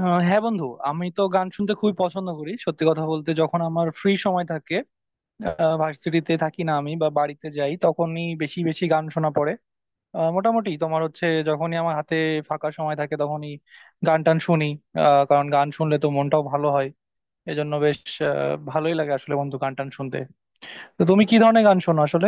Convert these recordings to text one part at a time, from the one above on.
হ্যাঁ বন্ধু, আমি তো গান শুনতে খুবই পছন্দ করি। সত্যি কথা বলতে যখন আমার ফ্রি সময় থাকে, ভার্সিটিতে থাকি না আমি বা বাড়িতে যাই, তখনই বেশি বেশি গান শোনা পড়ে। মোটামুটি তোমার হচ্ছে যখনই আমার হাতে ফাঁকা সময় থাকে তখনই গান টান শুনি। কারণ গান শুনলে তো মনটাও ভালো হয়। এজন্য বেশ ভালোই লাগে আসলে বন্ধু গান টান শুনতে। তো তুমি কি ধরনের গান শোনো আসলে?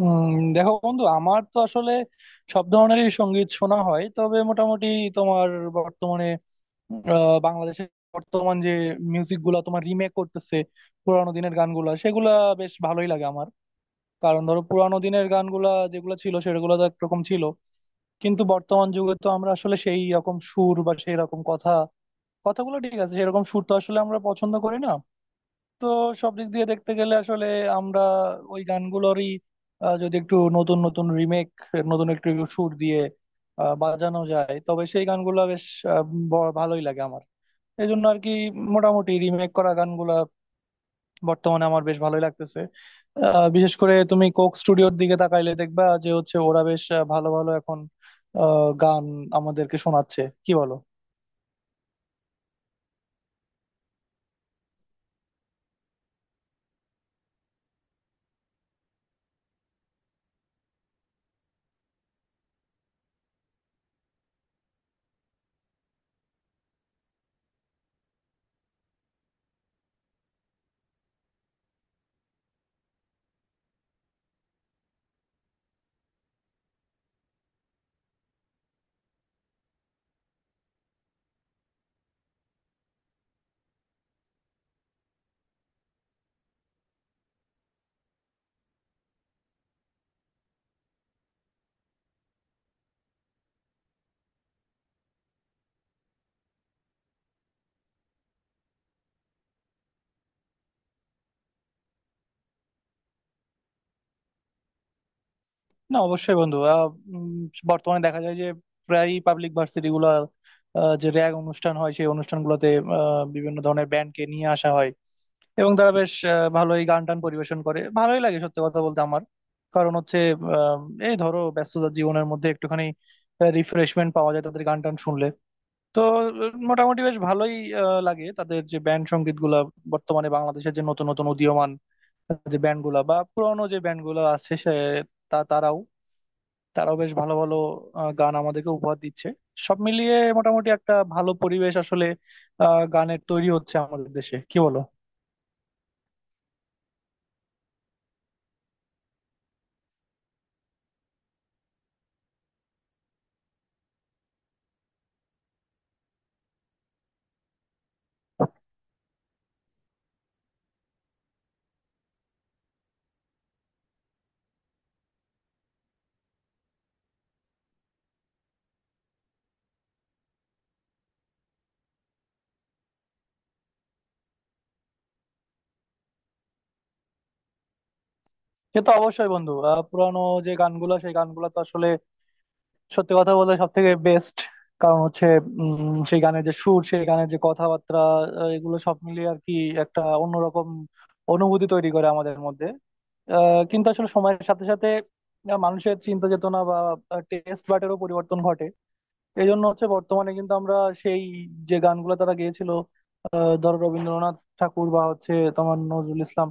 দেখো বন্ধু, আমার তো আসলে সব ধরনেরই সঙ্গীত শোনা হয়, তবে মোটামুটি তোমার বাংলাদেশের বর্তমান যে মিউজিক গুলা তোমার রিমেক করতেছে পুরানো দিনের গানগুলা, সেগুলা বেশ ভালোই লাগে আমার। কারণ ধরো পুরানো দিনের গানগুলা যেগুলো ছিল সেগুলো তো একরকম ছিল, কিন্তু বর্তমান যুগে তো আমরা আসলে সেই রকম সুর বা সেই রকম কথা, কথাগুলো ঠিক আছে সেরকম সুর তো আসলে আমরা পছন্দ করি না। তো সব দিক দিয়ে দেখতে গেলে আসলে আমরা ওই গানগুলোরই যদি একটু নতুন নতুন রিমেক, নতুন একটু সুর দিয়ে বাজানো যায়, তবে সেই গানগুলো বেশ আহ, ভালোই লাগে আমার। এই জন্য আর কি, মোটামুটি রিমেক করা গানগুলা বর্তমানে আমার বেশ ভালোই লাগতেছে। বিশেষ করে তুমি কোক স্টুডিওর দিকে তাকাইলে দেখবা যে হচ্ছে ওরা বেশ ভালো ভালো এখন গান আমাদেরকে শোনাচ্ছে, কি বলো? না অবশ্যই বন্ধু, উম, বর্তমানে দেখা যায় যে প্রায় পাবলিক ভার্সিটি গুলা যে র্যাগ অনুষ্ঠান হয় সেই অনুষ্ঠানগুলোতে বিভিন্ন ধরনের ব্যান্ডকে নিয়ে আসা হয়, এবং তারা বেশ ভালোই গান টান পরিবেশন করে, ভালোই লাগে সত্যি কথা বলতে আমার। কারণ হচ্ছে এই ধরো ব্যস্ততার জীবনের মধ্যে একটুখানি রিফ্রেশমেন্ট পাওয়া যায় তাদের গান টান শুনলে। তো মোটামুটি বেশ ভালোই লাগে তাদের যে ব্যান্ড সঙ্গীত গুলা। বর্তমানে বাংলাদেশের যে নতুন নতুন উদীয়মান যে ব্যান্ড গুলা বা পুরোনো যে ব্যান্ড গুলা আছে সে, তারাও, তারাও বেশ ভালো ভালো গান আমাদেরকে উপহার দিচ্ছে। সব মিলিয়ে মোটামুটি একটা ভালো পরিবেশ আসলে গানের তৈরি হচ্ছে আমাদের দেশে, কি বলো? সে তো অবশ্যই বন্ধু, পুরানো যে গানগুলো সেই গানগুলো তো আসলে সত্যি কথা বলতে সব থেকে বেস্ট। কারণ হচ্ছে সেই গানের যে সুর, সেই গানের যে কথাবার্তা, এগুলো সব মিলিয়ে আর কি একটা অন্যরকম অনুভূতি তৈরি করে আমাদের মধ্যে। কিন্তু আসলে সময়ের সাথে সাথে মানুষের চিন্তা চেতনা বা টেস্ট বাটেরও পরিবর্তন ঘটে। এই জন্য হচ্ছে বর্তমানে কিন্তু আমরা সেই যে গানগুলো তারা গেয়েছিল, ধরো রবীন্দ্রনাথ ঠাকুর বা হচ্ছে তোমার নজরুল ইসলাম,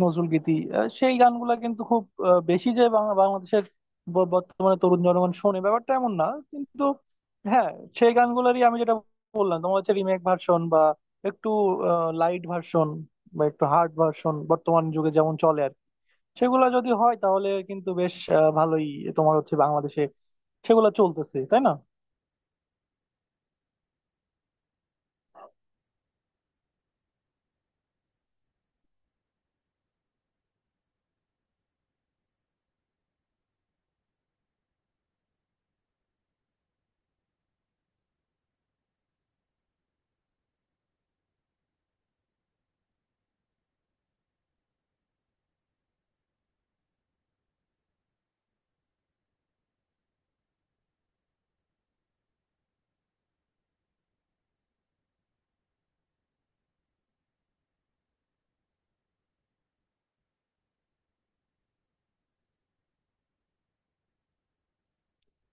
নজরুল গীতি, সেই গানগুলা কিন্তু খুব বেশি যে বাংলাদেশের বর্তমানে তরুণ জনগণ শোনে ব্যাপারটা এমন না, কিন্তু হ্যাঁ সেই গানগুলোরই আমি যেটা বললাম তোমার হচ্ছে রিমেক ভার্সন বা একটু লাইট ভার্সন বা একটু হার্ড ভার্সন, বর্তমান যুগে যেমন চলে আর কি। সেগুলো যদি হয় তাহলে কিন্তু বেশ ভালোই তোমার হচ্ছে বাংলাদেশে সেগুলো চলতেছে, তাই না?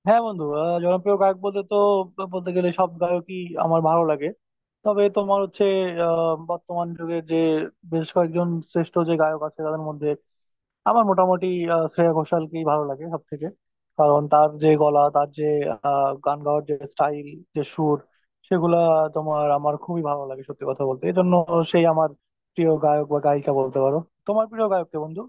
হ্যাঁ বন্ধু, জনপ্রিয় গায়ক বলতে তো বলতে গেলে সব গায়কই আমার ভালো লাগে। তবে তোমার হচ্ছে বর্তমান যুগে যে বেশ কয়েকজন শ্রেষ্ঠ যে গায়ক আছে তাদের মধ্যে আমার মোটামুটি শ্রেয়া ঘোষালকেই ভালো লাগে সব থেকে। কারণ তার যে গলা, তার যে গান গাওয়ার যে স্টাইল, যে সুর, সেগুলা তোমার আমার খুবই ভালো লাগে সত্যি কথা বলতে। এই জন্য সেই আমার প্রিয় গায়ক বা গায়িকা বলতে পারো। তোমার প্রিয় গায়ক কে বন্ধু?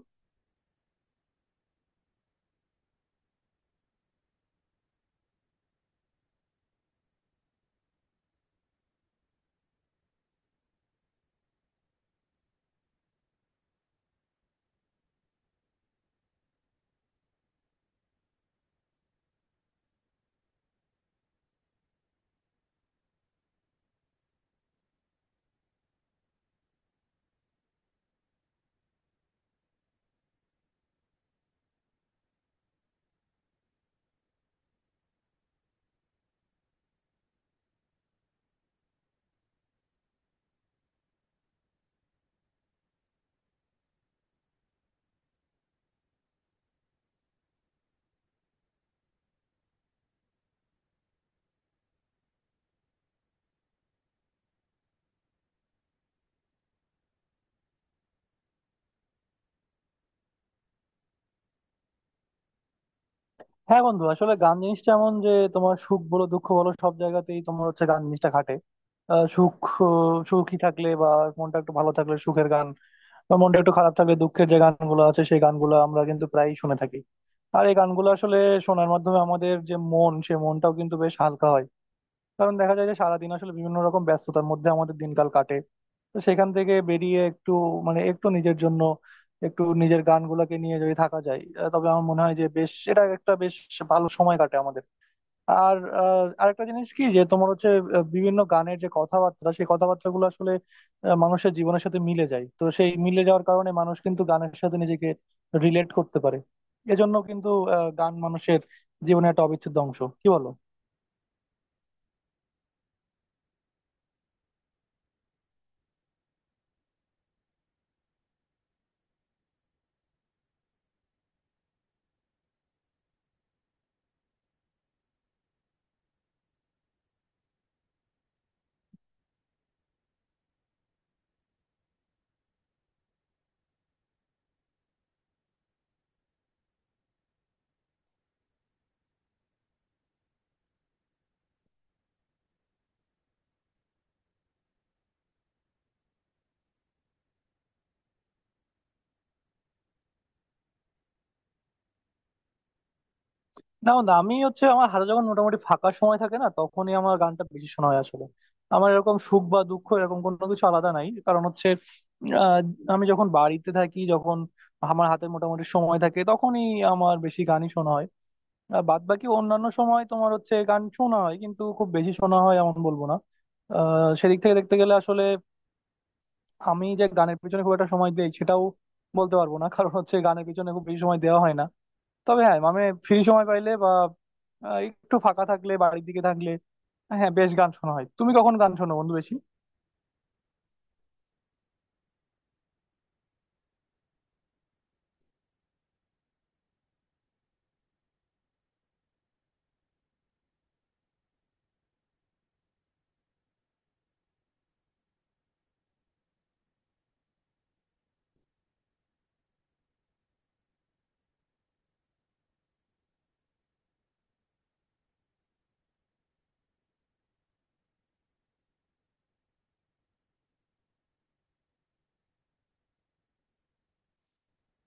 হ্যাঁ বন্ধু, আসলে গান জিনিসটা এমন যে তোমার সুখ বলো দুঃখ বলো, সব জায়গাতেই তোমার হচ্ছে গান জিনিসটা খাটে। আহ, সুখ সুখী থাকলে বা মনটা একটু ভালো থাকলে সুখের গান, বা মনটা একটু খারাপ থাকলে দুঃখের যে গানগুলো আছে, সেই গানগুলো আমরা কিন্তু প্রায়ই শুনে থাকি। আর এই গানগুলো আসলে শোনার মাধ্যমে আমাদের যে মন সে মনটাও কিন্তু বেশ হালকা হয়। কারণ দেখা যায় যে সারাদিন আসলে বিভিন্ন রকম ব্যস্ততার মধ্যে আমাদের দিনকাল কাটে। তো সেখান থেকে বেরিয়ে একটু মানে একটু নিজের জন্য, একটু নিজের গানগুলোকে নিয়ে যদি থাকা যায়, তবে আমার মনে হয় যে বেশ এটা একটা বেশ ভালো সময় কাটে আমাদের। আর আরেকটা জিনিস কি যে তোমার হচ্ছে বিভিন্ন গানের যে কথাবার্তা, সেই কথাবার্তাগুলো আসলে মানুষের জীবনের সাথে মিলে যায়। তো সেই মিলে যাওয়ার কারণে মানুষ কিন্তু গানের সাথে নিজেকে রিলেট করতে পারে। এজন্য কিন্তু গান মানুষের জীবনে একটা অবিচ্ছেদ্য অংশ, কি বলো? না বন্ধু, আমি হচ্ছে আমার হাতে যখন মোটামুটি ফাঁকা সময় থাকে না, তখনই আমার গানটা বেশি শোনা হয় আসলে। আমার এরকম সুখ বা দুঃখ এরকম কোনো কিছু আলাদা নাই। কারণ হচ্ছে আহ, আমি যখন বাড়িতে থাকি, যখন আমার হাতে মোটামুটি সময় থাকে, তখনই আমার বেশি গানই শোনা হয়। আর বাদ বাকি অন্যান্য সময় তোমার হচ্ছে গান শোনা হয় কিন্তু খুব বেশি শোনা হয় এমন বলবো না। সেদিক থেকে দেখতে গেলে আসলে আমি যে গানের পিছনে খুব একটা সময় দিই সেটাও বলতে পারবো না। কারণ হচ্ছে গানের পিছনে খুব বেশি সময় দেওয়া হয় না। তবে হ্যাঁ মানে ফ্রি সময় পাইলে বা আহ, একটু ফাঁকা থাকলে, বাড়ির দিকে থাকলে হ্যাঁ বেশ গান শোনা হয়। তুমি কখন গান শোনো বন্ধু বেশি?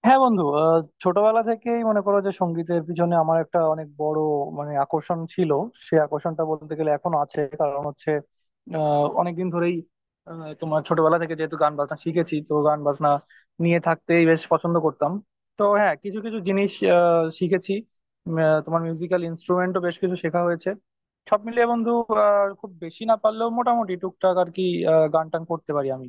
হ্যাঁ বন্ধু, ছোটবেলা থেকেই মনে করো যে সঙ্গীতের পিছনে আমার একটা অনেক বড় মানে আকর্ষণ ছিল। সে আকর্ষণটা বলতে গেলে এখনো আছে। কারণ হচ্ছে অনেকদিন ধরেই তোমার ছোটবেলা থেকে যেহেতু গান বাজনা শিখেছি, তো গান বাজনা নিয়ে থাকতেই বেশ পছন্দ করতাম। তো হ্যাঁ কিছু কিছু জিনিস শিখেছি। তোমার মিউজিক্যাল ইনস্ট্রুমেন্টও বেশ কিছু শেখা হয়েছে। সব মিলিয়ে বন্ধু খুব বেশি না পারলেও মোটামুটি টুকটাক আর কি গান টান করতে পারি আমি।